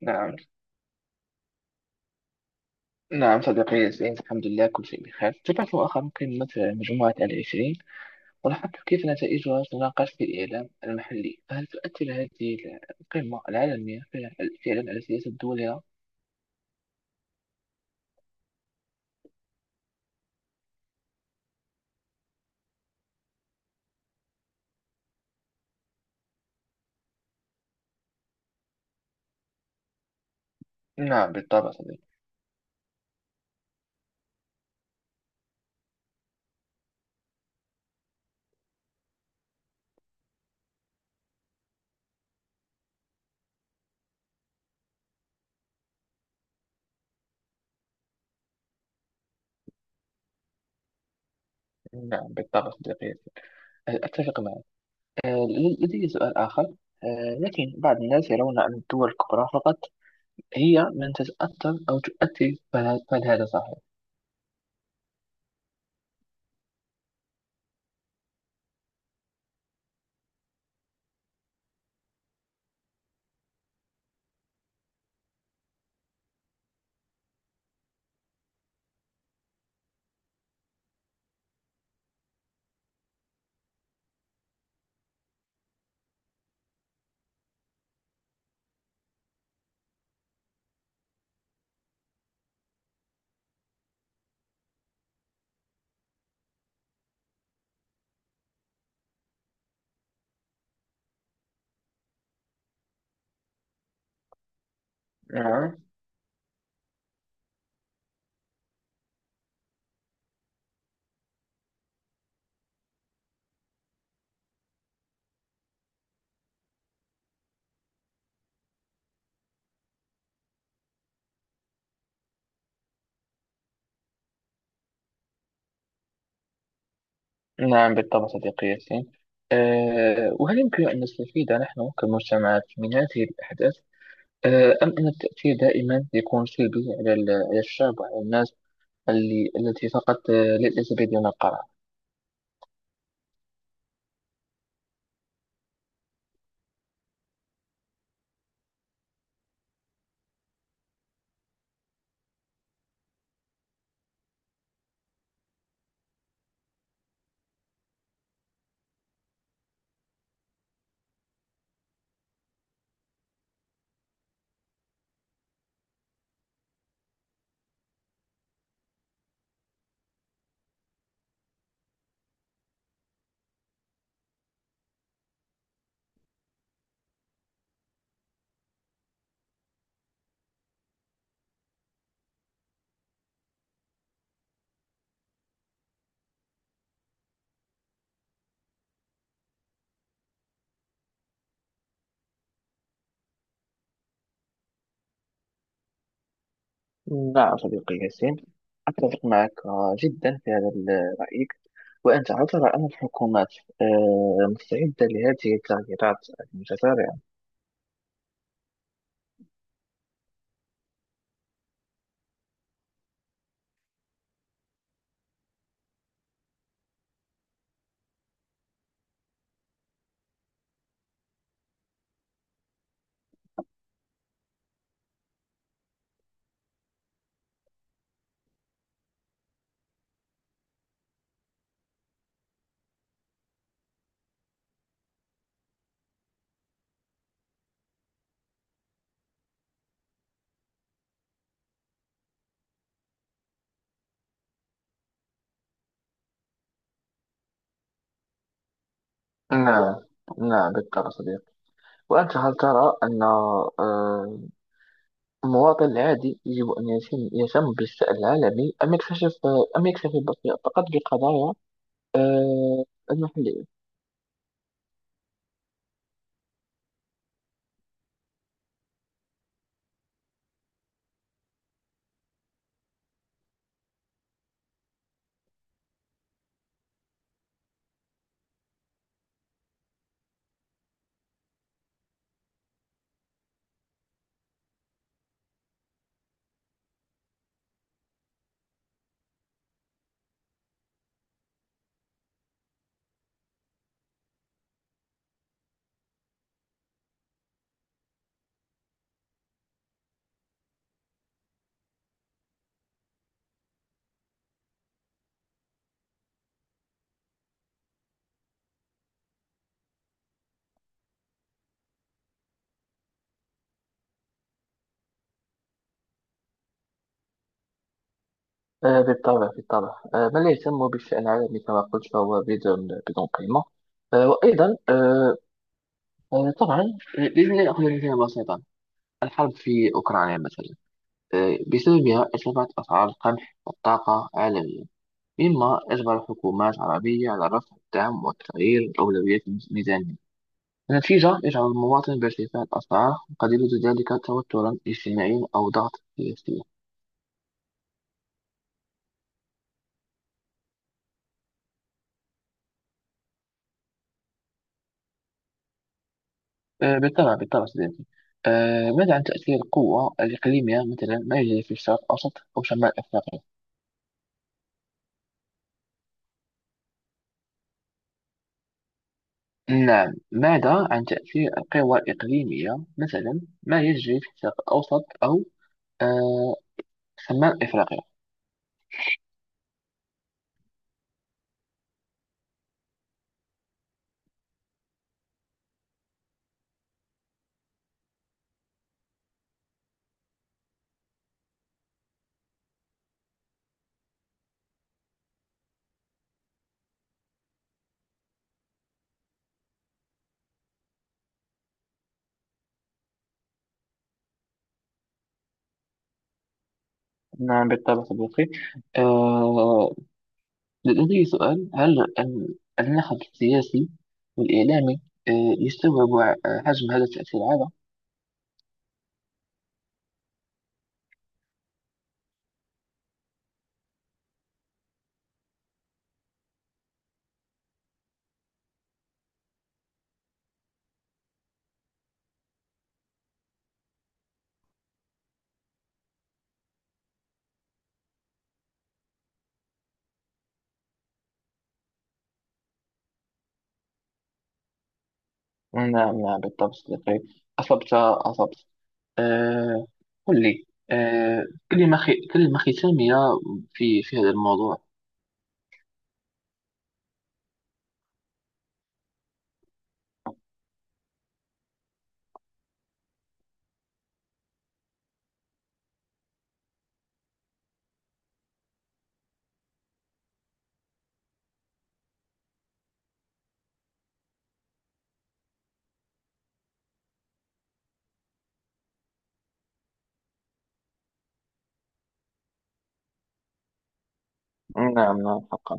نعم، نعم صديقي، سعيد الحمد لله كل شيء بخير. تابعت مؤخرا قمة مجموعة 20 ولاحظت كيف نتائجها تناقش في الإعلام المحلي، فهل تؤثر هذه القمة العالمية فعلاً على سياسة دولها؟ نعم بالطبع صديقي. نعم بالطبع صديقي، أتفق معك. آه، لدي سؤال آخر. لكن بعض الناس يرون أن الدول الكبرى فقط هي من تتأثر أو تؤثر، فهل هذا صحيح؟ نعم، نعم بالطبع صديقي ياسين. وهل يمكن أن نستفيد نحن كمجتمعات من هذه الأحداث، أم أن التأثير دائما يكون سلبي على على الشعب وعلى الناس التي فقط ليس بيدنا القرار؟ نعم صديقي ياسين، أتفق معك جدا في هذا رأيك. وأنت ترى أن الحكومات مستعدة لهذه التغييرات المتسارعة؟ نعم، نعم بالطبع صديقي. وأنت هل ترى أن المواطن العادي يجب أن يهتم بالشأن العالمي، أم يكتشف أم يكتفي فقط بقضايا آه، المحلية؟ بالطبع، بالطبع، من لا يهتم بالشأن العالمي كما قلت فهو بدون قيمة. وأيضا، طبعا لازم نأخذ مثالا بسيطا. الحرب في أوكرانيا مثلا، بسببها ارتفعت أسعار القمح والطاقة عالميا، مما أجبر الحكومات العربية على رفع الدعم والتغيير أولويات الميزانية، في جهر يجعل المواطن بارتفاع الأسعار، وقد يزيد ذلك توترا اجتماعيا أو ضغط سياسي. بالطبع، بالطبع صديقي. ماذا عن تأثير القوة الإقليمية، مثلا ما يجري في الشرق الأوسط أو شمال أفريقيا؟ نعم، ماذا عن تأثير القوى الإقليمية، مثلا ما يجري في الشرق الأوسط أو آه، شمال أفريقيا؟ نعم بالطبع صديقي، لدي سؤال. هل النهج السياسي والإعلامي آه، يستوعب حجم هذا التأثير هذا؟ نعم، نعم بالطبع صديقي، أصبت، أصبت. آه، قل لي، آه، كلمة ختامية في هذا الموضوع. نعم، نعم حقا.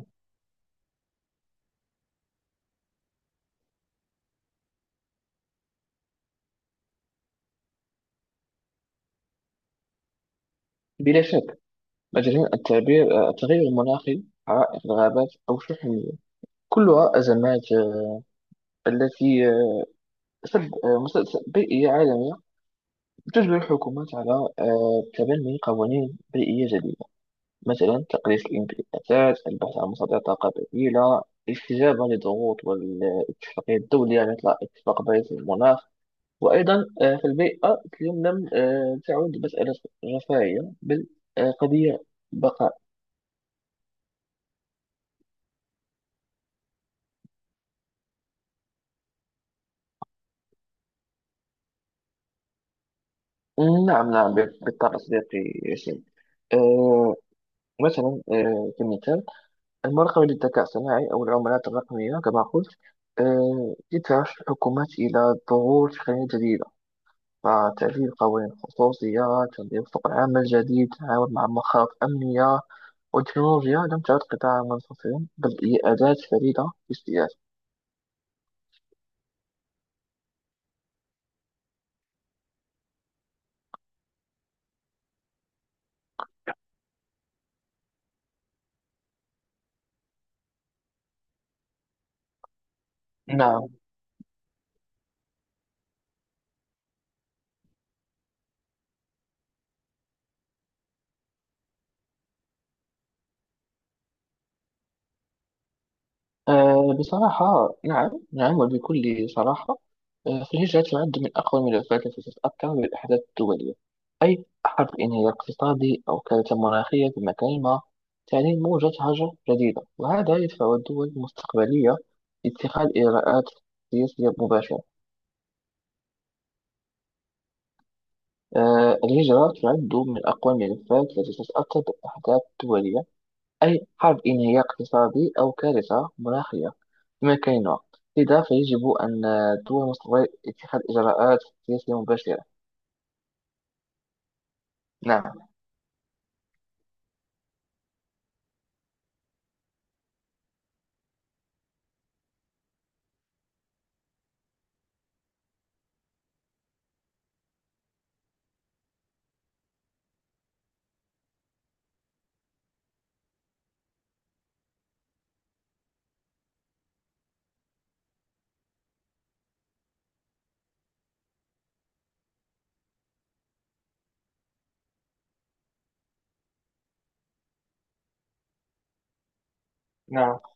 بلا شك، مجال التعبير، التغير المناخي، حرائق الغابات أو شحن المياه، كلها أزمات، التي مسبب بيئي عالمي، تجبر الحكومات على تبني قوانين بيئية جديدة، مثلا تقليص الانبعاثات، البحث عن مصادر طاقة بديلة، الاستجابة للضغوط والاتفاقية الدولية مثل اتفاق باريس للمناخ. وأيضا، في البيئة اليوم لم تعد مسألة رفاهية، بل قضية بقاء. نعم، نعم بالطبع صديقي ياسين. آه، مثلا، كمثال، المراقبة للذكاء الصناعي أو العملات الرقمية، كما قلت، تدفع الحكومات إلى ظهور تقنيات جديدة، فتعديل قوانين الخصوصية، تنظيم سوق العمل الجديد، تعاون مع مخاوف أمنية. والتكنولوجيا لم تعد قطاعا منفصلا، بل هي أداة فريدة في السياسة. نعم. بصراحة نعم، نعم وبكل صراحة. فالهجرة تعد من أقوى ملفات التي تتأثر بالأحداث الدولية، أي حرب، انهيار اقتصادي، أو كارثة مناخية في مكان ما تعني موجة هجر جديدة، وهذا يدفع الدول المستقبلية لاتخاذ إجراءات سياسية مباشرة. الهجرة تعد من أقوى الملفات التي تتأثر بالأحداث الدولية، أي حرب، انهيار اقتصادي، أو كارثة مناخية، بما كان الوقت، لذا فيجب أن الدول المستقبلية اتخاذ إجراءات سياسية مباشرة. نعم، نعم.